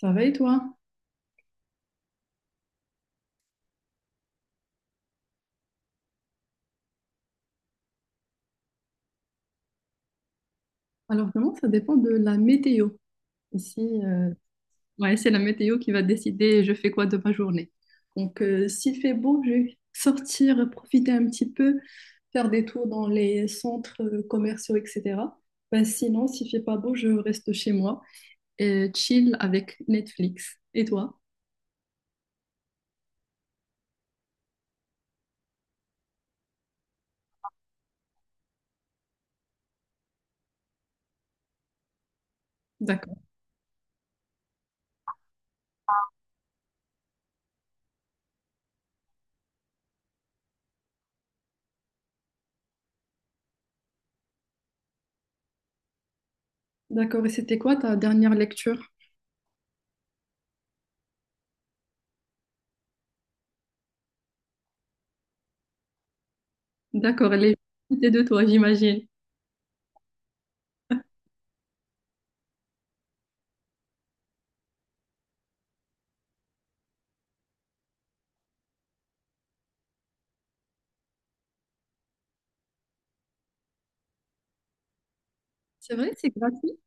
Ça va et toi? Alors vraiment, ça dépend de la météo. Ici, ouais, c'est la météo qui va décider je fais quoi de ma journée. Donc, s'il fait beau, je vais sortir, profiter un petit peu, faire des tours dans les centres commerciaux, etc. Ben, sinon, s'il fait pas beau, je reste chez moi et chill avec Netflix. Et toi? D'accord. D'accord. Et c'était quoi ta dernière lecture? D'accord. Elle est à côté de toi, j'imagine. C'est vrai, c'est gratuit?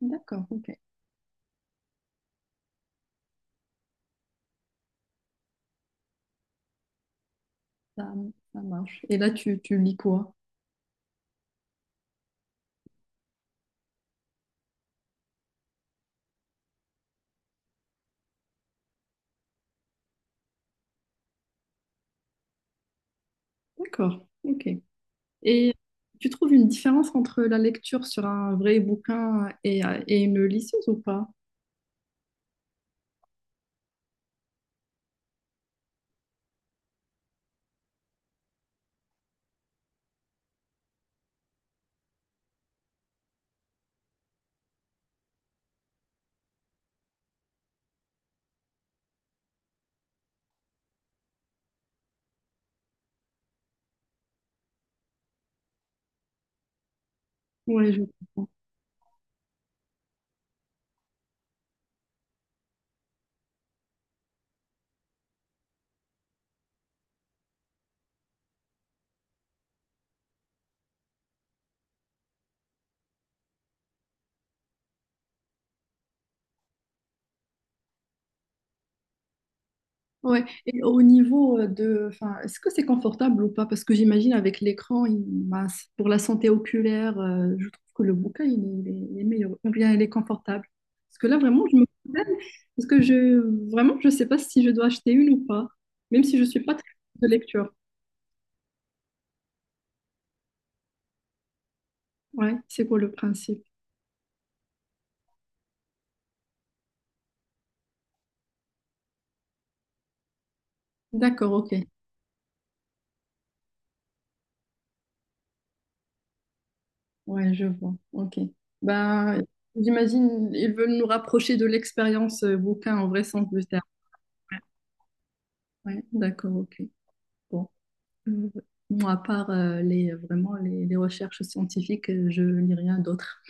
D'accord, ok. Ça, ça marche. Et là, tu lis quoi? D'accord, ok. Et tu trouves une différence entre la lecture sur un vrai bouquin et une liseuse ou pas? Ouais, je comprends. Ouais. Et au niveau de, enfin, est-ce que c'est confortable ou pas? Parce que j'imagine avec l'écran, ben, pour la santé oculaire, je trouve que le bouquin, il est meilleur. Ou bien il est confortable. Parce que là, vraiment, je me problème. Parce que je, vraiment, je sais pas si je dois acheter une ou pas. Même si je suis pas très de lecture. Ouais, c'est pour le principe? D'accord, ok. Ouais, je vois. Ok. Ben, j'imagine ils veulent nous rapprocher de l'expérience bouquin en vrai sens du terme. Ouais, ouais, d'accord, ok. Bon. Euh, moi, à part les les recherches scientifiques, je lis rien d'autre.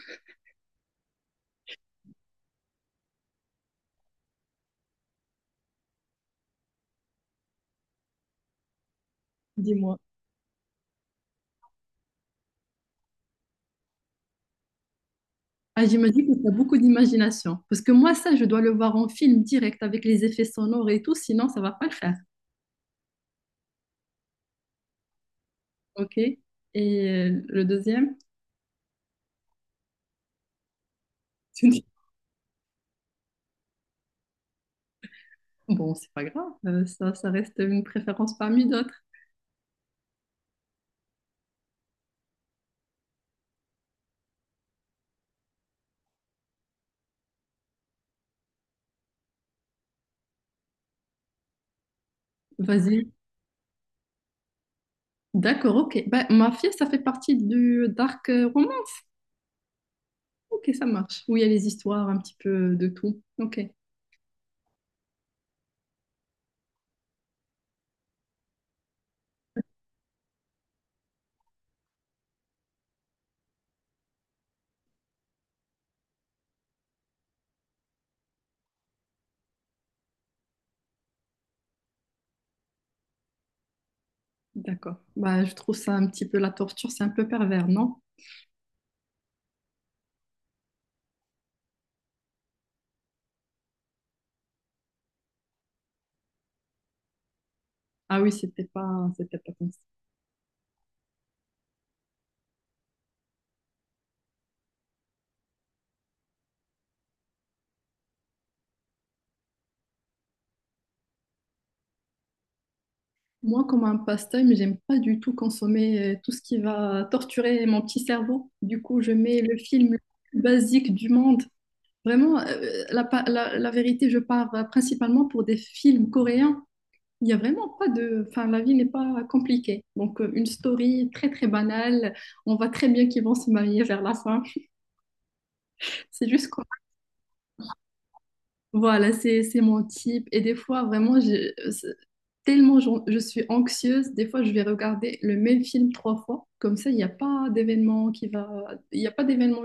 Dis-moi. Ah, j'imagine que tu as beaucoup d'imagination. Parce que moi, ça, je dois le voir en film direct avec les effets sonores et tout, sinon ça va pas le faire. Ok? Et le deuxième? Bon, c'est pas grave, ça, ça reste une préférence parmi d'autres. Vas-y. D'accord, ok. Bah, Mafia, ça fait partie du dark roman. Ok, ça marche. Où il y a les histoires, un petit peu de tout. Ok, d'accord. Bah, je trouve ça un petit peu la torture, c'est un peu pervers, non? Ah oui, c'était pas comme ça. Moi, comme un passe-temps, j'aime pas du tout consommer tout ce qui va torturer mon petit cerveau. Du coup, je mets le film le plus basique du monde. Vraiment, la vérité, je pars principalement pour des films coréens. Il y a vraiment pas de... Enfin, la vie n'est pas compliquée. Donc, une story très, très banale. On voit très bien qu'ils vont se marier vers la fin. C'est juste quoi. Voilà, c'est mon type. Et des fois, vraiment, tellement je suis anxieuse, des fois, je vais regarder le même film trois fois. Comme ça, il n'y a pas d'événement qui va... Il n'y a pas d'événement.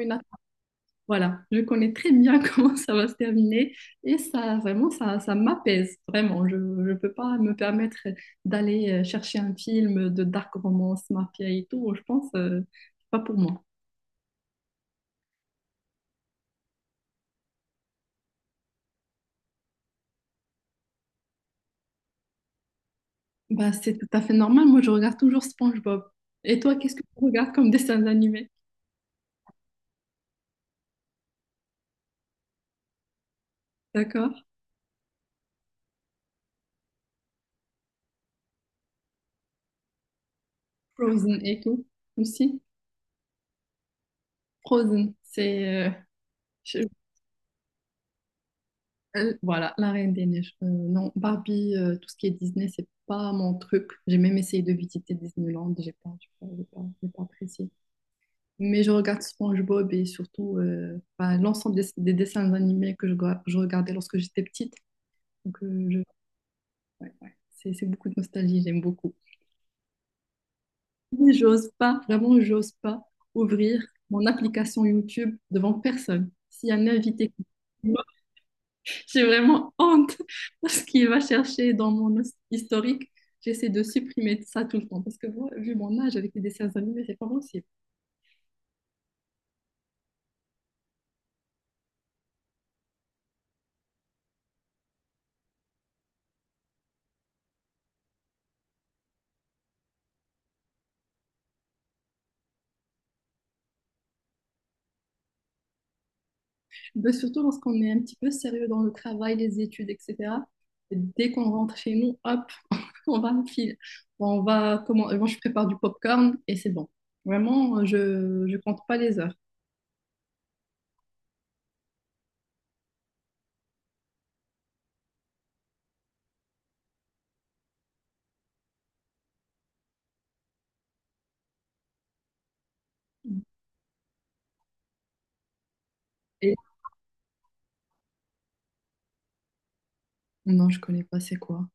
Voilà, je connais très bien comment ça va se terminer et ça, vraiment, ça m'apaise, vraiment. Je ne peux pas me permettre d'aller chercher un film de dark romance, mafia et tout. Je pense, c'est pas pour moi. Bah, c'est tout à fait normal. Moi, je regarde toujours SpongeBob. Et toi, qu'est-ce que tu regardes comme dessin animé? D'accord? Frozen et tout aussi. Frozen, c'est, euh, je- Voilà, La Reine des Neiges. Non, Barbie, tout ce qui est Disney, c'est pas mon truc. J'ai même essayé de visiter Disneyland, j'ai pas apprécié. Mais je regarde SpongeBob et surtout bah, l'ensemble des dessins animés que je regardais lorsque j'étais petite. Donc, ouais, ouais. C'est beaucoup de nostalgie, j'aime beaucoup. Mais j'ose pas, vraiment, j'ose pas ouvrir mon application YouTube devant personne. S'il y a un invité. J'ai vraiment honte parce qu'il va chercher dans historique. J'essaie de supprimer ça tout le temps parce que moi, vu mon âge avec les dessins animés, c'est pas possible. Mais surtout lorsqu'on est un petit peu sérieux dans le travail, les études, etc. Dès qu'on rentre chez nous, hop, on va me filer. Bon, on va comment. Moi, je prépare du popcorn et c'est bon. Vraiment, je compte pas les heures. Et non, je connais pas. C'est quoi?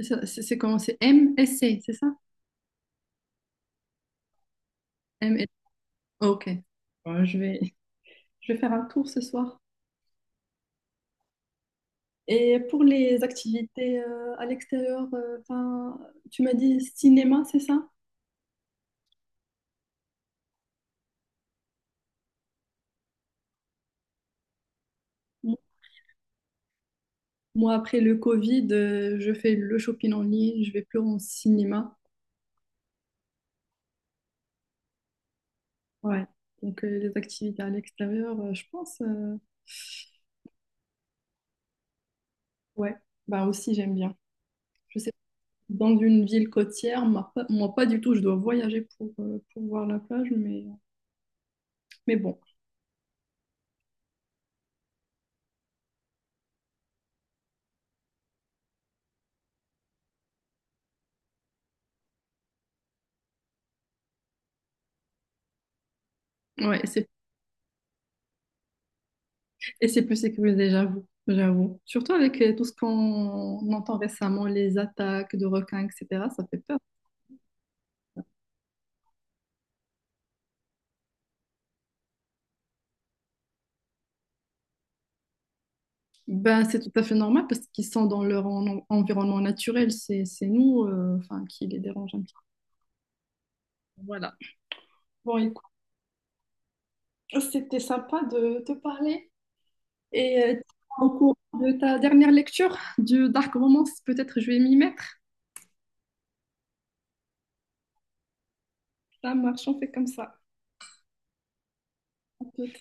Ça, c'est comment? C'est MSC, c'est ça? M S MSC. Ok. Bon, je vais faire un tour ce soir. Et pour les activités à l'extérieur, 'fin, tu m'as dit cinéma, c'est ça? Mo- Moi, après le Covid, je fais le shopping en ligne, je vais plus en cinéma. Ouais. Donc, les activités à l'extérieur, je pense, ouais, bah aussi, j'aime bien. Je sais, dans une ville côtière, moi, pas du tout, je dois voyager pour voir la plage, mais bon, ouais, c'est. Et c'est plus sécurisé, j'avoue, j'avoue. Surtout avec tout ce qu'on entend récemment, les attaques de requins, etc., ça fait peur. Ben, c'est tout à fait normal parce qu'ils sont dans leur environnement naturel. C'est nous, enfin, qui les dérange un petit peu. Voilà. Bon, écoute, c'était sympa de te parler. Et au cours de ta dernière lecture du Dark Romance, peut-être je vais m'y mettre. Ça marche, on fait comme ça. On peut-